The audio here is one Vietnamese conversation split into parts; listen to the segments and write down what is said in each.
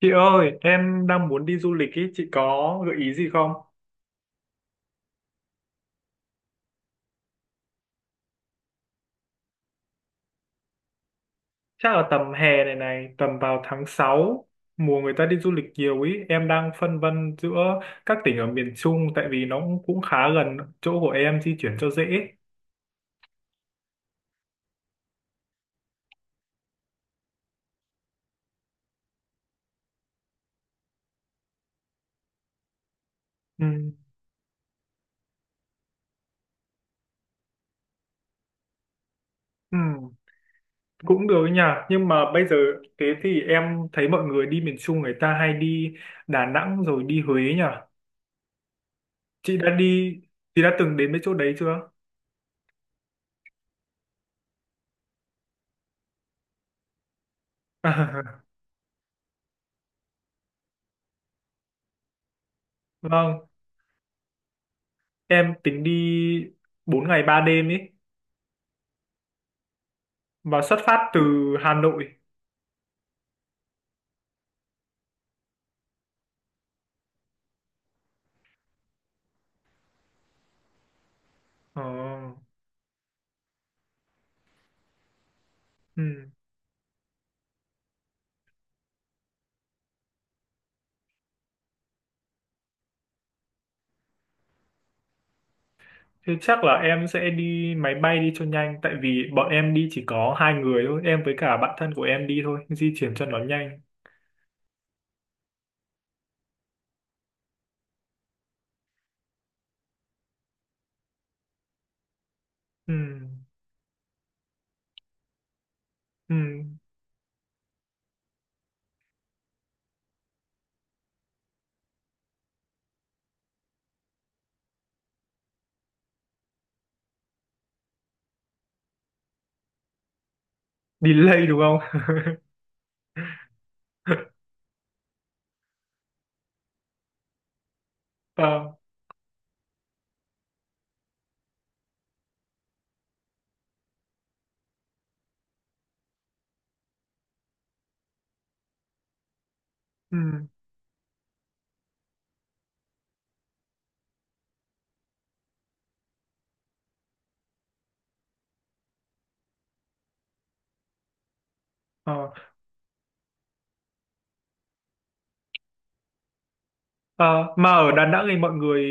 Chị ơi, em đang muốn đi du lịch ý, chị có gợi ý gì không? Chắc là tầm hè này này, tầm vào tháng 6 mùa người ta đi du lịch nhiều ý, em đang phân vân giữa các tỉnh ở miền Trung tại vì nó cũng khá gần chỗ của em di chuyển cho dễ. Ừ, ừ, cũng được nha, nhưng mà bây giờ thế thì em thấy mọi người đi miền Trung người ta hay đi Đà Nẵng rồi đi Huế nhỉ? Chị đã đi, chị đã từng đến mấy chỗ đấy chưa? Vâng, em tính đi 4 ngày 3 đêm ý. Và xuất phát từ Hà Nội. ờ, ừ. Thế chắc là em sẽ đi máy bay đi cho nhanh tại vì bọn em đi chỉ có hai người thôi, em với cả bạn thân của em đi thôi di chuyển cho nó nhanh. Ừ. Ừ. Delay đúng không? Ờ, ừ, ờ. Ờ, mà ở Đà Nẵng thì mọi người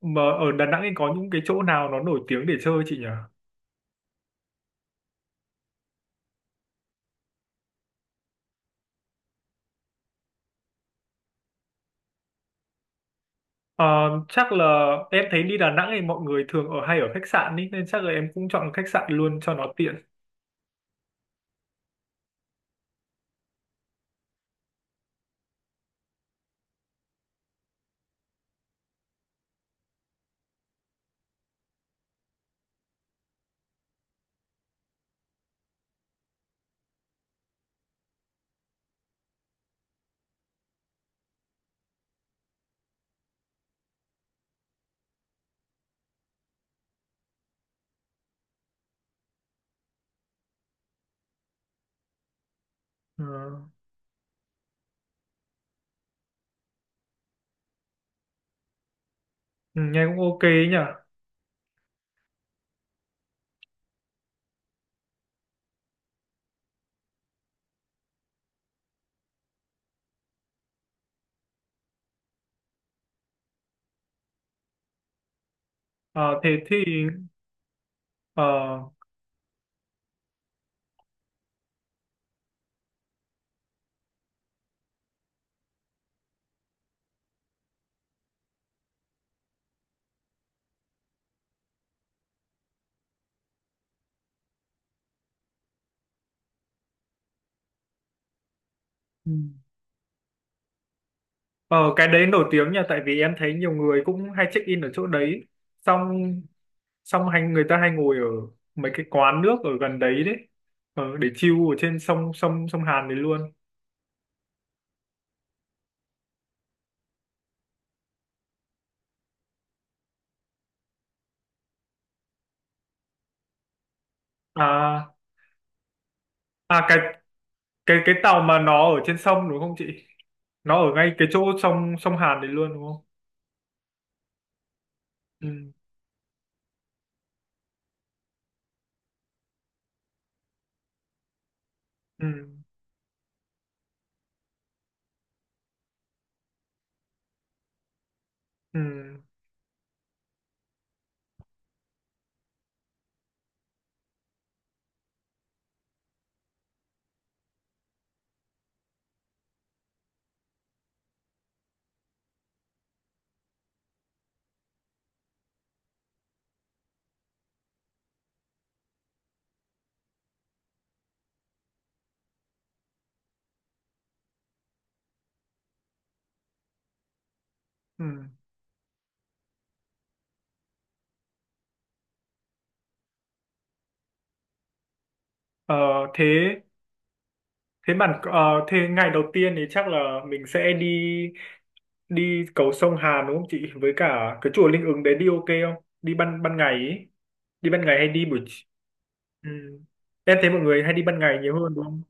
mà ở Đà Nẵng thì có những cái chỗ nào nó nổi tiếng để chơi chị nhỉ? Ờ, chắc là em thấy đi Đà Nẵng thì mọi người thường ở hay ở khách sạn ý, nên chắc là em cũng chọn khách sạn luôn cho nó tiện. Ờ. Ừ, nghe cũng ok ấy nhỉ. Ờ, thế thì ờ, ừ, ờ, cái đấy nổi tiếng nhỉ tại vì em thấy nhiều người cũng hay check in ở chỗ đấy, xong xong hay người ta hay ngồi ở mấy cái quán nước ở gần đấy đấy, để chill ở trên sông sông sông Hàn đấy luôn. À à cái cái tàu mà nó ở trên sông đúng không chị? Nó ở ngay cái chỗ sông sông Hàn đấy luôn đúng không? Ừ, ừ, ừ, ừ. ờ, thế Thế bạn ờ, Thế ngày đầu tiên thì chắc là mình sẽ đi đi cầu sông Hàn đúng không chị? Với cả cái chùa Linh Ứng đấy đi ok không? Đi ban ban ngày ý. Đi ban ngày hay đi buổi chi-. Ừ. Em thấy mọi người hay đi ban ngày nhiều hơn đúng không?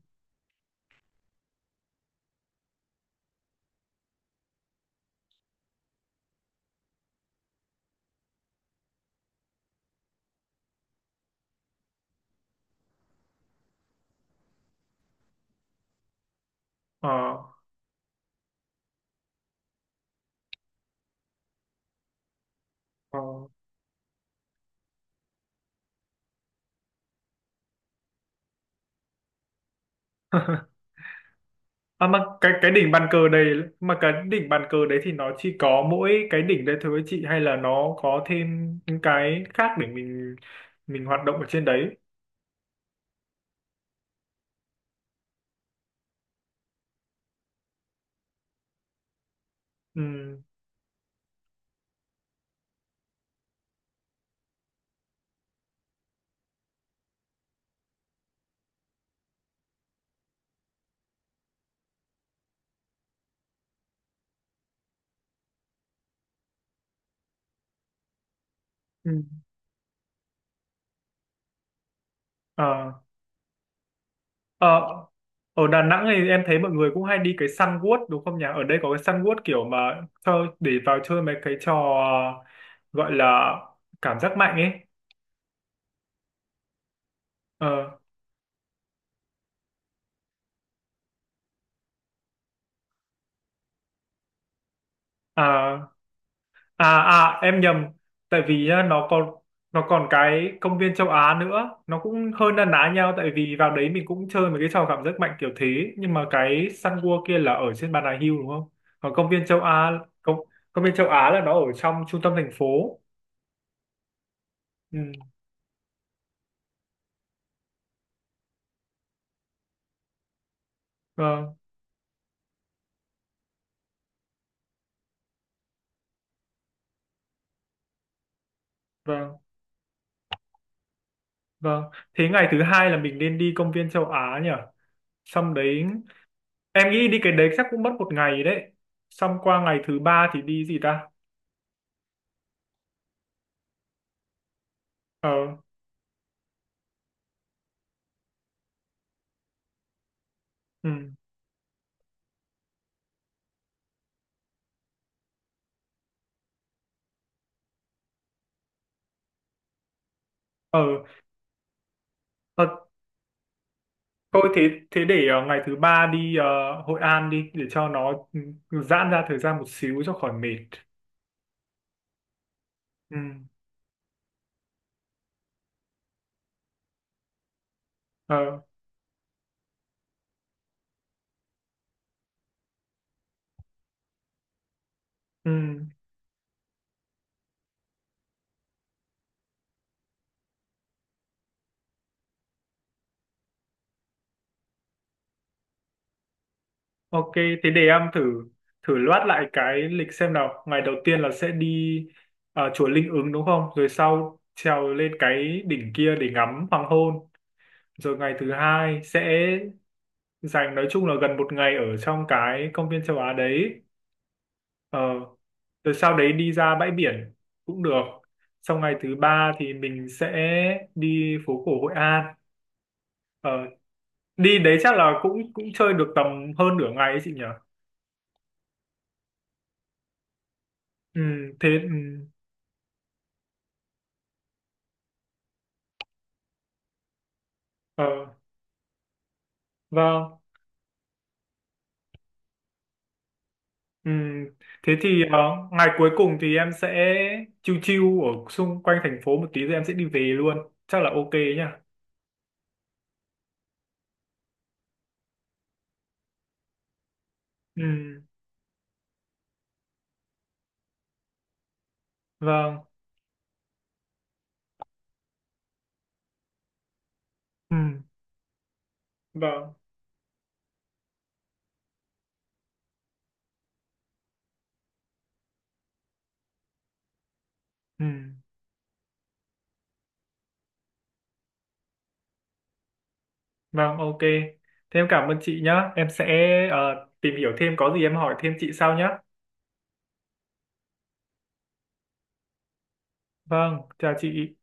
Ờ, ờ. À mà cái cái đỉnh bàn cờ đấy mà cái đỉnh bàn cờ đấy thì nó chỉ có mỗi cái đỉnh đấy thôi chị hay là nó có thêm những cái khác để mình hoạt động ở trên đấy? Ừ. Ừ. Ờ, ở Đà Nẵng thì em thấy mọi người cũng hay đi cái Sun World đúng không nhỉ? Ở đây có cái Sun World kiểu mà cho để vào chơi mấy cái trò gọi là cảm giác mạnh ấy. Ờ, à, à, à, em nhầm. Tại vì á, nó còn cái công viên châu Á nữa, nó cũng hơi na ná nhau tại vì vào đấy mình cũng chơi mấy cái trò cảm giác mạnh kiểu thế, nhưng mà cái Sun World kia là ở trên Bà Nà Hills đúng không? Còn công viên châu Á công, công viên châu Á là nó ở trong trung tâm thành phố. Ừ, vâng. Vâng. Vâng, thế ngày thứ hai là mình nên đi công viên châu Á nhỉ? Xong đấy, em nghĩ đi cái đấy chắc cũng mất một ngày đấy. Xong qua ngày thứ ba thì đi gì ta? Ờ, ừ. ờ, ờ, Thôi thế, để ngày thứ ba đi Hội An đi để cho nó giãn ra thời gian một xíu cho khỏi mệt. Ừ, ờ, ừ. Ok, thế để em thử thử loát lại cái lịch xem nào. Ngày đầu tiên là sẽ đi chùa Linh Ứng đúng không? Rồi sau trèo lên cái đỉnh kia để ngắm hoàng hôn. Rồi ngày thứ hai sẽ dành nói chung là gần một ngày ở trong cái công viên châu Á đấy. Ờ, rồi sau đấy đi ra bãi biển cũng được. Sau ngày thứ ba thì mình sẽ đi phố cổ Hội An. Ờ, đi đấy chắc là cũng cũng chơi được tầm hơn nửa ngày ấy chị nhỉ? Ừ, thế ừ. Ờ. Vâng. Ừm. Thế thì ngày cuối cùng thì em sẽ chill chill ở xung quanh thành phố một tí rồi em sẽ đi về luôn. Chắc là ok nhá. Ừm. Vâng. Ừm. Vâng. Ừm. Vâng, ok. Thế em cảm ơn chị nhá. Em sẽ ờ, tìm hiểu thêm có gì em hỏi thêm chị sau nhá. Vâng, chào chị.